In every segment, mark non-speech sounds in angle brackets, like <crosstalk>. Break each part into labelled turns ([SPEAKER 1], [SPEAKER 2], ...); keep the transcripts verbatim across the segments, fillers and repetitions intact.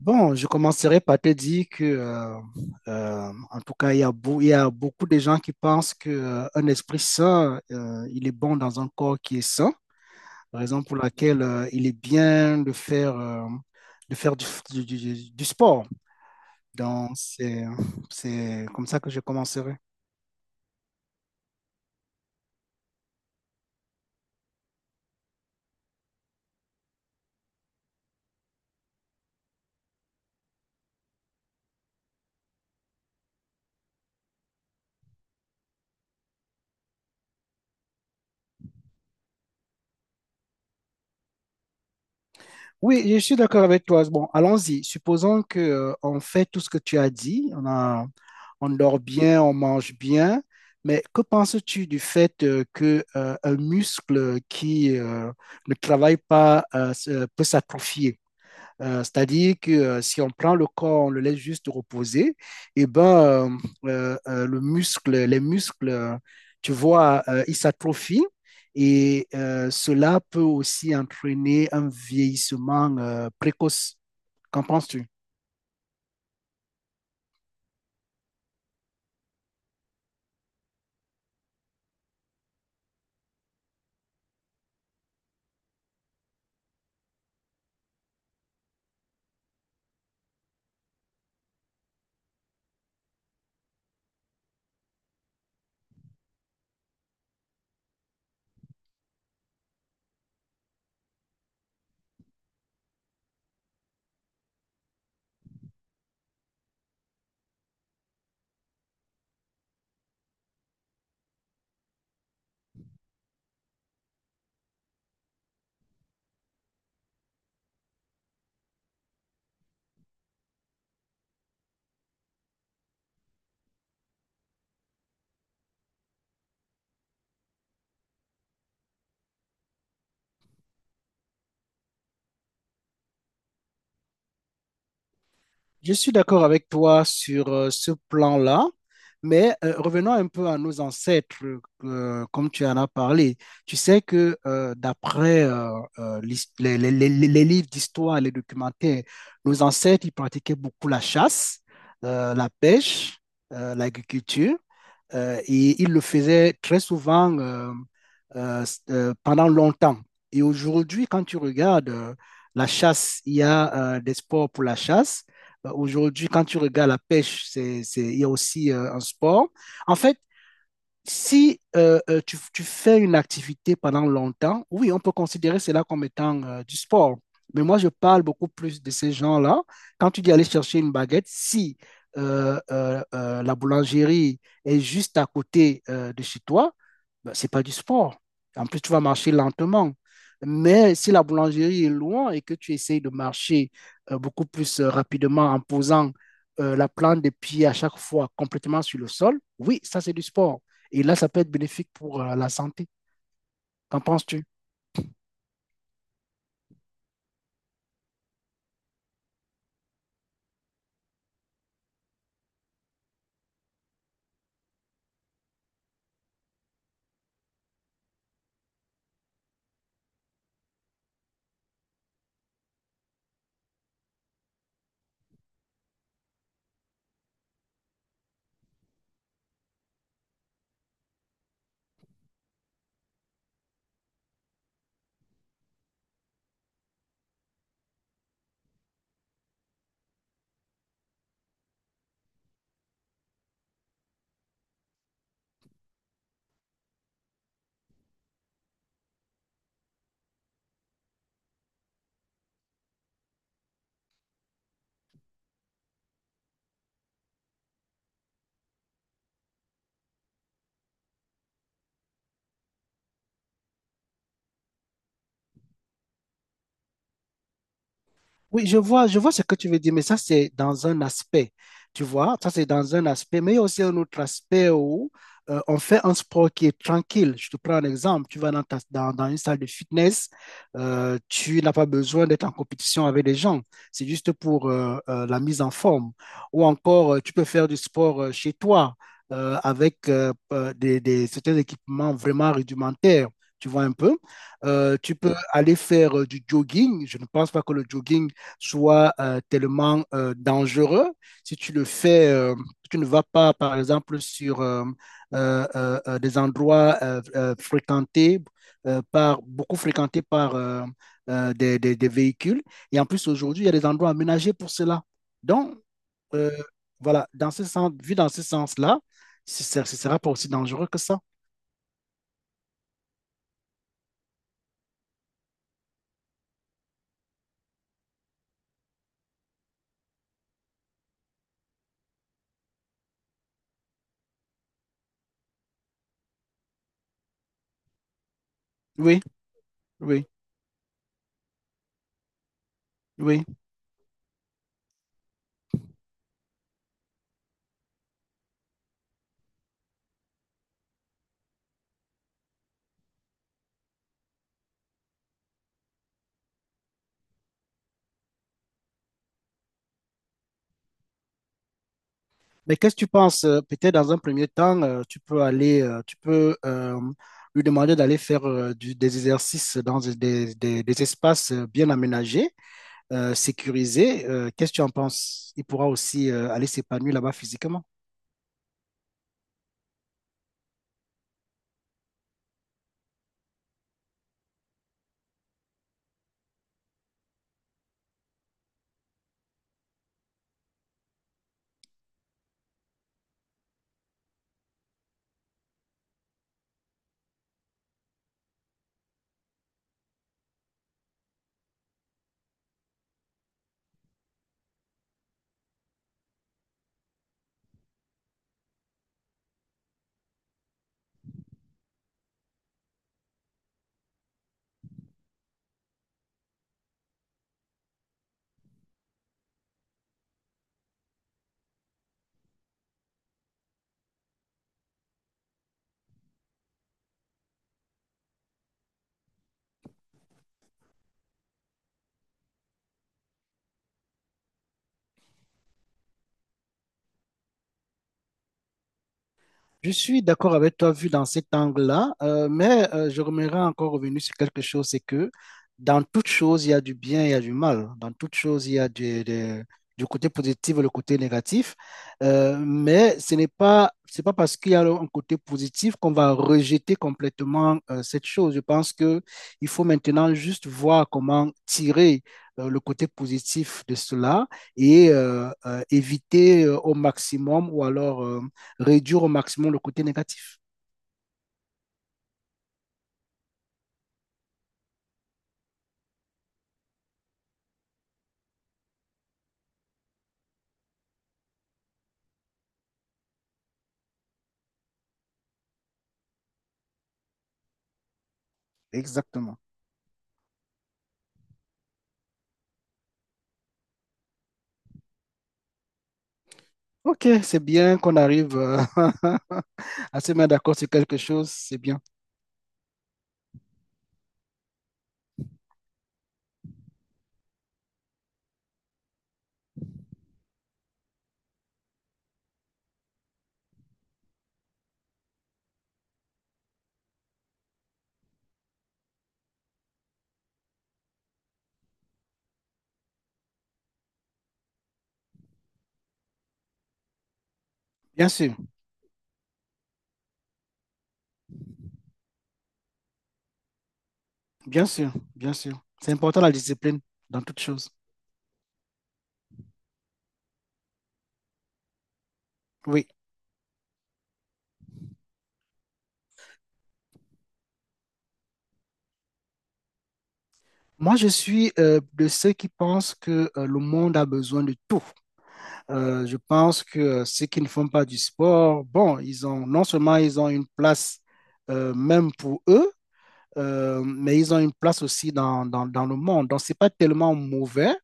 [SPEAKER 1] Bon, je commencerai par te dire que, euh, euh, en tout cas, il y a, beau- il y a beaucoup de gens qui pensent que, euh, un esprit sain, euh, il est bon dans un corps qui est sain, raison pour laquelle, euh, il est bien de faire, euh, de faire du, du- du- du sport. Donc, c'est, c'est comme ça que je commencerai. Oui, je suis d'accord avec toi. Bon, allons-y. Supposons que, euh, on fait tout ce que tu as dit. On a on dort bien, on mange bien, mais que penses-tu du fait euh, que euh, un muscle qui euh, ne travaille pas euh, se- peut s'atrophier? Euh, c'est-à-dire que euh, si on prend le corps, on le laisse juste reposer, et ben euh, euh, euh, le muscle, les muscles, euh, tu vois, euh, ils s'atrophient. Et euh, cela peut aussi entraîner un vieillissement euh, précoce. Qu'en penses-tu? Je suis d'accord avec toi sur euh, ce plan-là, mais euh, revenons un peu à nos ancêtres, euh, comme tu en as parlé. Tu sais que euh, d'après euh, euh, l'his- les, les- les- les livres d'histoire, les documentaires, nos ancêtres, ils pratiquaient beaucoup la chasse, euh, la pêche, euh, l'agriculture. Euh, et il le faisait très souvent euh, euh, euh, pendant longtemps. Et aujourd'hui, quand tu regardes euh, la chasse, il y a euh, des sports pour la chasse. Euh, aujourd'hui, quand tu regardes la pêche, c'est, c'est- il y a aussi euh, un sport. En fait, si euh, euh, tu, tu fais une activité pendant longtemps, oui, on peut considérer cela comme étant euh, du sport. Mais moi, je parle beaucoup plus de ces gens-là. Quand tu dis aller chercher une baguette, si euh, euh, euh, la boulangerie est juste à côté euh, de chez toi, ben, c'est pas du sport. En plus, tu vas marcher lentement. Mais si la boulangerie est loin et que tu essayes de marcher euh, beaucoup plus euh, rapidement en posant euh, la plante des pieds à chaque fois complètement sur le sol, oui, ça c'est du sport. Et là, ça peut être bénéfique pour euh, la santé. Qu'en penses-tu? Oui, je vois, je vois ce que tu veux dire, mais ça, c'est dans un aspect, tu vois, ça, c'est dans un aspect, mais il y a aussi un autre aspect où euh, on fait un sport qui est tranquille. Je te prends un exemple, tu vas dans, ta- dans, dans une salle de fitness, euh, tu n'as pas besoin d'être en compétition avec les gens, c'est juste pour euh, euh, la mise en forme. Ou encore, euh, tu peux faire du sport euh, chez toi euh, avec euh, euh, des, des, certains équipements vraiment rudimentaires, tu vois un peu. Euh, tu peux aller faire euh, du jogging, je ne pense pas que le jogging soit euh, tellement euh, dangereux. Si tu le fais, euh, tu ne vas pas, par exemple, sur euh, euh, euh, euh, des endroits euh, euh, fréquentés euh, par, beaucoup fréquentés par euh, euh, des, des, des véhicules. Et en plus, aujourd'hui, il y a des endroits aménagés pour cela. Donc, euh, voilà, dans ce sens, vu dans ce sens-là, ce ne sera pas aussi dangereux que ça. Oui, oui, oui. Mais qu'est-ce que tu penses? euh, Peut-être dans un premier temps, euh, tu peux aller, euh, tu peux euh, lui demander d'aller faire euh, du- des exercices dans des, des- des- des espaces euh, bien aménagés, euh, sécurisés. Euh, qu'est-ce que tu en penses? Il pourra aussi euh, aller s'épanouir là-bas physiquement. Je suis d'accord avec toi vu dans cet angle-là, euh, mais euh, je remettrai encore revenu sur quelque chose, c'est que dans toute chose, il y a du bien, il y a du mal. Dans toute chose, il y a du, de- du côté positif et le côté négatif. Euh, mais ce n'est pas, c'est pas parce qu'il y a un côté positif qu'on va rejeter complètement euh, cette chose. Je pense que il faut maintenant juste voir comment tirer euh, le côté positif de cela et euh, euh, éviter euh, au maximum ou alors... euh, réduire au maximum le côté négatif. Exactement. Ok, c'est bien qu'on arrive euh, <laughs> à se mettre d'accord sur quelque chose, c'est bien. Bien sûr, bien sûr, bien sûr. C'est important la discipline dans toute chose. Oui. Moi, je suis euh, de ceux qui pensent que euh, le monde a besoin de tout. Euh, je pense que euh, ceux qui ne font pas du sport, bon, ils ont non seulement ils ont une place euh, même pour eux, euh, mais ils ont une place aussi dans, dans, dans le monde. Donc, c'est pas tellement mauvais.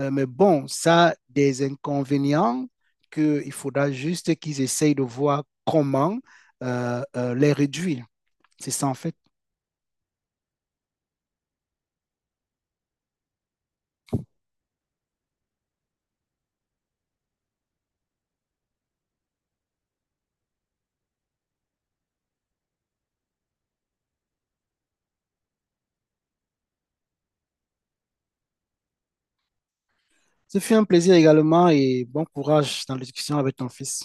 [SPEAKER 1] Euh, mais bon, ça a des inconvénients qu'il faudra juste qu'ils essayent de voir comment euh, euh, les réduire. C'est ça en fait. Ce fut un plaisir également et bon courage dans l'éducation avec ton fils.